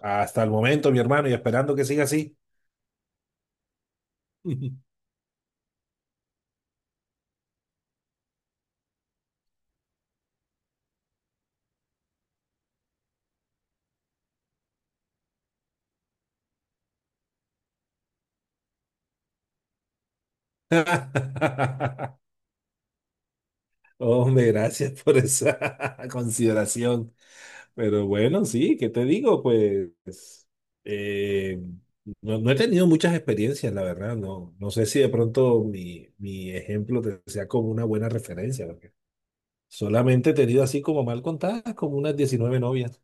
Hasta el momento, mi hermano, y esperando que siga así. Hombre, gracias por esa consideración. Pero bueno, sí, ¿qué te digo? Pues eh, no he tenido muchas experiencias, la verdad. No, no sé si de pronto mi ejemplo te sea como una buena referencia, porque solamente he tenido así como mal contadas, como unas 19 novias.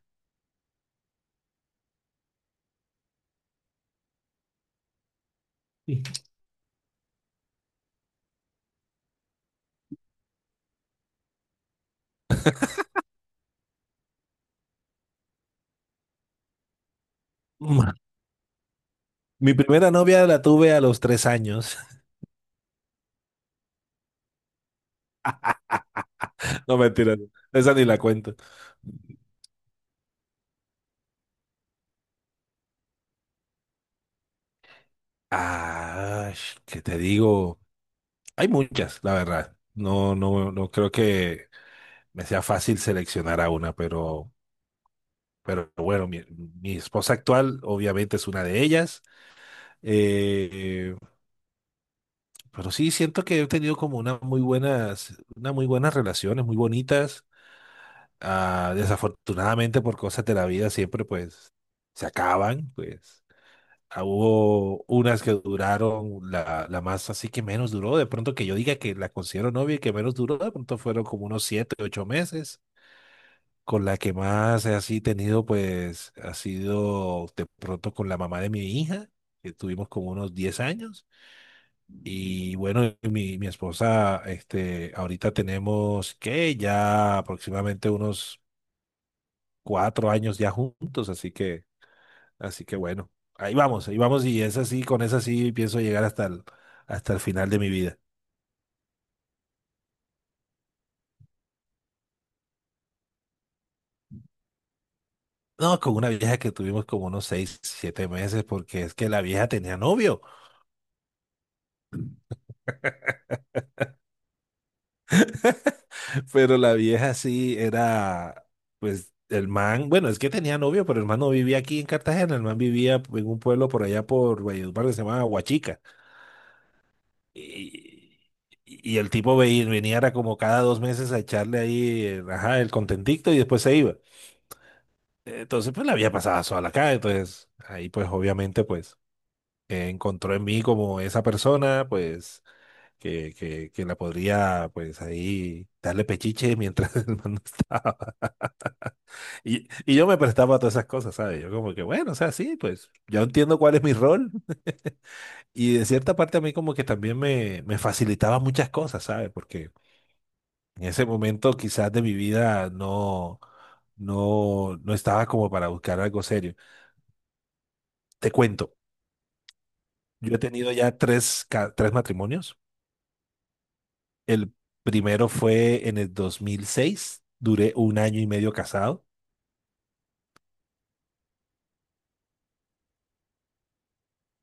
Mi primera novia la tuve a los 3 años. No, mentira, esa ni la cuento. ¿Qué te digo? Hay muchas, la verdad. No, no creo que me sea fácil seleccionar a una, pero bueno, mi esposa actual obviamente es una de ellas. Eh, pero sí, siento que he tenido como unas muy buenas relaciones, muy bonitas. Ah, desafortunadamente por cosas de la vida siempre pues se acaban, pues. Ah, hubo unas que duraron, la más así que menos duró, de pronto que yo diga que la considero novia y que menos duró, de pronto fueron como unos 7, 8 meses. Con la que más he así tenido, pues, ha sido de pronto con la mamá de mi hija, que tuvimos como unos 10 años. Y bueno, mi esposa, ahorita tenemos que ya aproximadamente unos 4 años ya juntos, así que bueno, ahí vamos y es así, con esa sí pienso llegar hasta el final de mi vida. No, con una vieja que tuvimos como unos 6, 7 meses, porque es que la vieja tenía novio. Pero la vieja sí era, pues el man, bueno, es que tenía novio, pero el man no vivía aquí en Cartagena, el man vivía en un pueblo por allá por Valledupar que se llamaba Huachica. Y, y el tipo venía, era como cada 2 meses a echarle ahí, ajá, el contentito y después se iba. Entonces, pues la vida pasaba sola acá, entonces ahí pues obviamente pues encontró en mí como esa persona pues que la podría pues ahí darle pechiche mientras el man no estaba. Y yo me prestaba a todas esas cosas, ¿sabes? Yo como que bueno, o sea, sí, pues yo entiendo cuál es mi rol, y de cierta parte a mí como que también me facilitaba muchas cosas, ¿sabes? Porque en ese momento quizás de mi vida no estaba como para buscar algo serio. Te cuento. Yo he tenido ya tres matrimonios. El primero fue en el 2006. Duré un año y medio casado.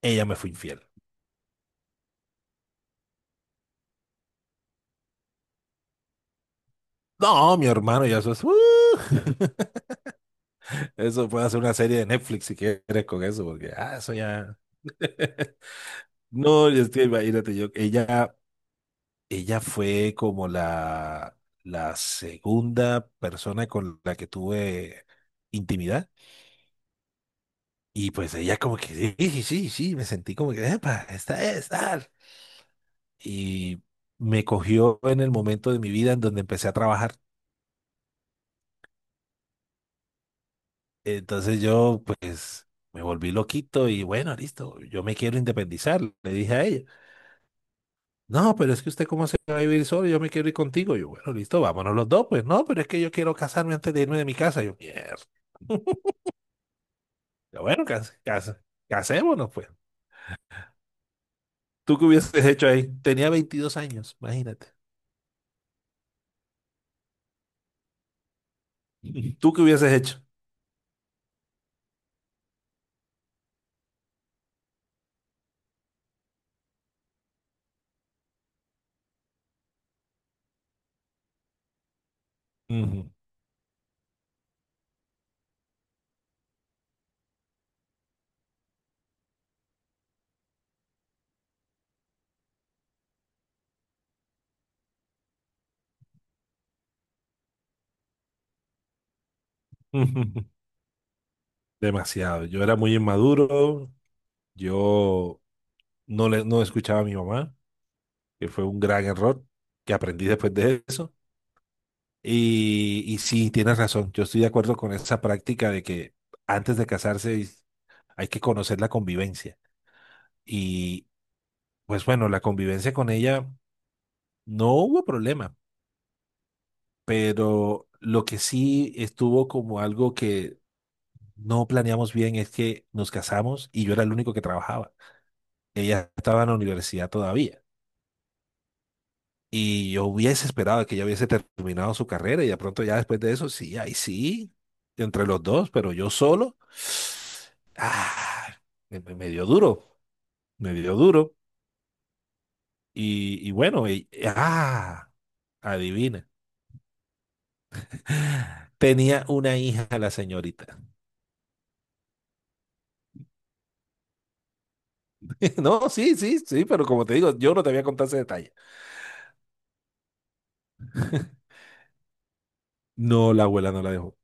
Ella me fue infiel. No, mi hermano, ya eso es... ¡uh! Eso puede hacer una serie de Netflix si quieres con eso, porque eso ya... No, yo estoy, imagínate, yo, ella fue como la segunda persona con la que tuve intimidad. Y pues ella como que, sí, sí, sí, sí, me sentí como que, epa, esta es, tal. Y me cogió en el momento de mi vida en donde empecé a trabajar. Entonces yo pues me volví loquito y bueno, listo, yo me quiero independizar, le dije a ella. No, pero es que usted cómo se va a vivir solo, yo me quiero ir contigo. Yo, bueno, listo, vámonos los dos, pues no, pero es que yo quiero casarme antes de irme de mi casa. Yo, mierda. Pero bueno, casémonos, pues. ¿Tú qué hubieses hecho ahí? Tenía 22 años, imagínate. ¿Tú qué hubieses hecho? Ujú. Demasiado. Yo era muy inmaduro. Yo no escuchaba a mi mamá, que fue un gran error que aprendí después de eso. Y sí, tienes razón, yo estoy de acuerdo con esa práctica de que antes de casarse hay que conocer la convivencia. Y pues bueno, la convivencia con ella no hubo problema, pero lo que sí estuvo como algo que no planeamos bien es que nos casamos y yo era el único que trabajaba. Ella estaba en la universidad todavía. Y yo hubiese esperado que ya hubiese terminado su carrera y de pronto ya después de eso, sí, ahí sí, entre los dos, pero yo solo, ah, me dio duro, me dio duro. Y bueno, adivina, tenía una hija la señorita. No, sí, sí, sí, pero como te digo, yo no te había contado ese detalle. No, la abuela no la dejó.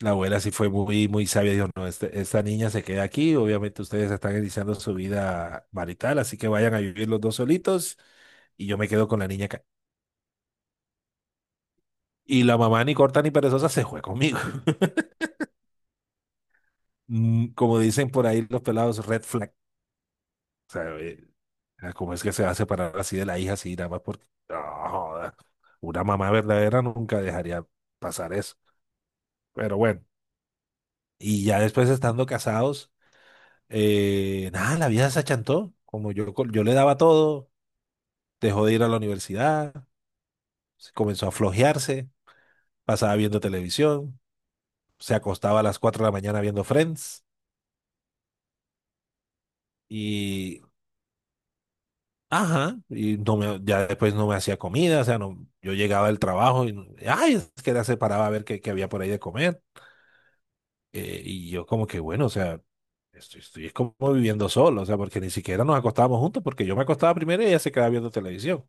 La abuela sí fue muy, muy sabia, dijo, no, esta niña se queda aquí, obviamente ustedes están iniciando su vida marital, así que vayan a vivir los dos solitos y yo me quedo con la niña acá. Y la mamá ni corta ni perezosa se fue conmigo. Como dicen por ahí los pelados, red flag. O sea, ¿cómo es que se va a separar así de la hija, así nada más porque... No, joda. Una mamá verdadera nunca dejaría pasar eso. Pero bueno, y ya después estando casados, nada, la vida se achantó. Como yo le daba todo. Dejó de ir a la universidad, se comenzó a flojearse, pasaba viendo televisión, se acostaba a las 4 de la mañana viendo Friends y, ajá, y ya después no me hacía comida, o sea, no, yo llegaba del trabajo y, ay, es que era se paraba a ver qué, había por ahí de comer. Y yo como que, bueno, o sea, estoy es como viviendo solo, o sea, porque ni siquiera nos acostábamos juntos, porque yo me acostaba primero y ella se quedaba viendo televisión.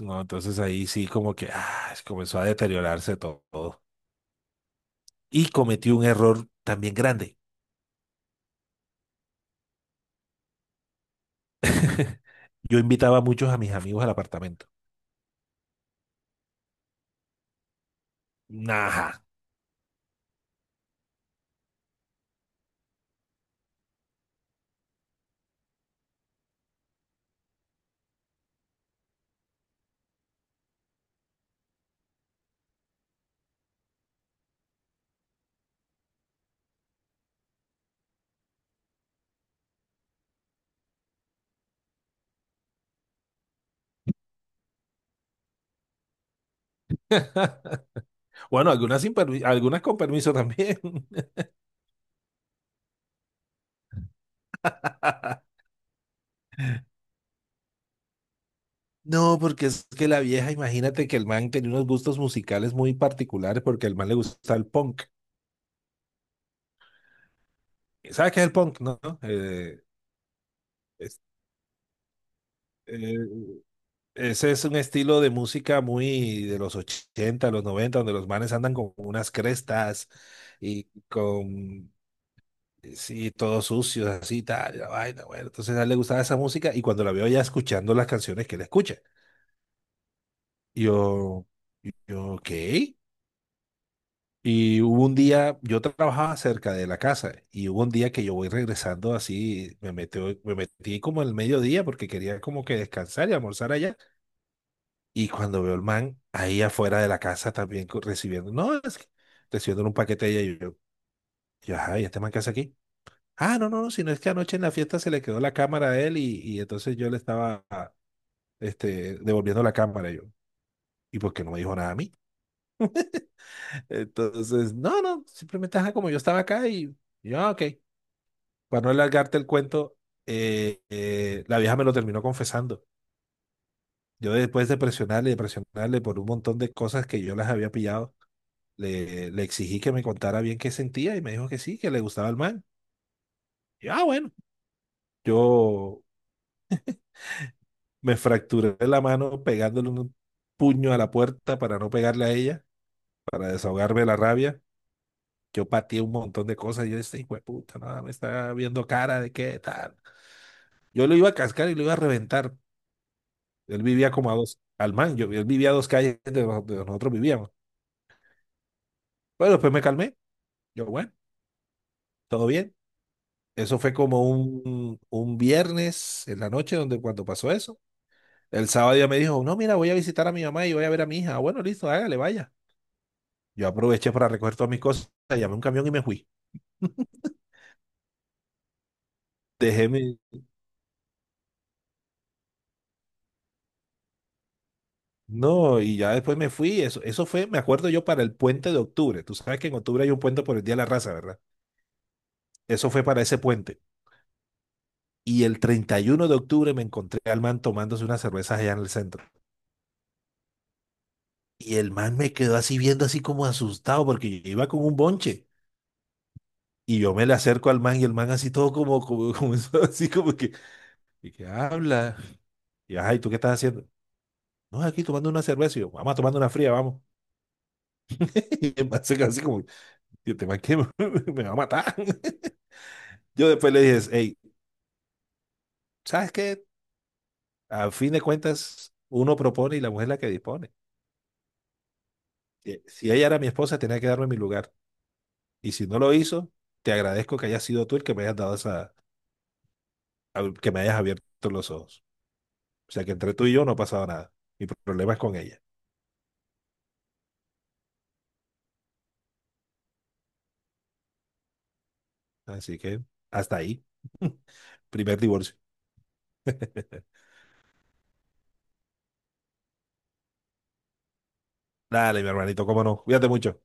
No, entonces ahí sí como que comenzó a deteriorarse todo. Y cometí un error también grande. Yo invitaba a muchos a mis amigos al apartamento. Ajá. Bueno, algunas, sin permi- algunas con permiso también. No, porque es que la vieja, imagínate que el man tenía unos gustos musicales muy particulares porque el man le gusta el punk. ¿Sabes qué es el punk? No. Es- eh, Ese es un estilo de música muy de los 80 los 90 donde los manes andan con unas crestas y con sí, todo sucio, así, tal, la vaina, bueno. Entonces a él le gustaba esa música y cuando la veo ya escuchando las canciones que él escucha. Yo, yo, ok. Y hubo un día, yo trabajaba cerca de la casa y hubo un día que yo voy regresando así, me metí como el mediodía porque quería como que descansar y almorzar allá. Y cuando veo el man ahí afuera de la casa también recibiendo, no, es que recibiendo un paquete allá y yo, ajá, ¿y este man qué hace aquí? Ah, no, no, no, sino es que anoche en la fiesta se le quedó la cámara a él y entonces yo le estaba devolviendo la cámara yo. ¿Y por qué no me dijo nada a mí? Entonces, no, no, simplemente ajá, como yo estaba acá y yo, "Ah, ok". Para no alargarte el cuento, la vieja me lo terminó confesando. Yo después de presionarle y de presionarle por un montón de cosas que yo las había pillado, le exigí que me contara bien qué sentía y me dijo que sí, que le gustaba el man. Bueno, yo me fracturé la mano pegándole un puño a la puerta para no pegarle a ella, para desahogarme la rabia. Yo pateé un montón de cosas. Yo decía, hijo de puta, nada, me está viendo cara de qué tal. Yo lo iba a cascar y lo iba a reventar. Él vivía como a dos, al man, yo, él vivía a dos calles de donde nosotros vivíamos. Pero después me calmé. Yo, bueno, todo bien. Eso fue como un viernes en la noche donde cuando pasó eso. El sábado ya me dijo, no, mira, voy a visitar a mi mamá y voy a ver a mi hija. "Ah, bueno, listo, hágale, vaya". Yo aproveché para recoger todas mis cosas, llamé un camión y me fui. Dejé mi... No, y ya después me fui. Eso fue, me acuerdo yo, para el puente de octubre. Tú sabes que en octubre hay un puente por el Día de la Raza, ¿verdad? Eso fue para ese puente. Y el 31 de octubre me encontré al man tomándose unas cervezas allá en el centro. Y el man me quedó así viendo así como asustado porque yo iba con un bonche. Y yo me le acerco al man y el man así todo como eso, así como que, y que habla. Y ay, ¿tú qué estás haciendo? No, aquí tomando una cerveza. Y yo, vamos a tomar una fría, vamos. Y el man se quedó así como, yo te que me me va a matar. Yo después le dije, hey, ¿sabes qué? A fin de cuentas, uno propone y la mujer es la que dispone. Si ella era mi esposa, tenía que darme mi lugar. Y si no lo hizo, te agradezco que hayas sido tú el que me hayas dado esa, que me hayas abierto los ojos. O sea que entre tú y yo no ha pasado nada. Mi problema es con ella. Así que hasta ahí. Primer divorcio. Dale, mi hermanito, cómo no. Cuídate mucho.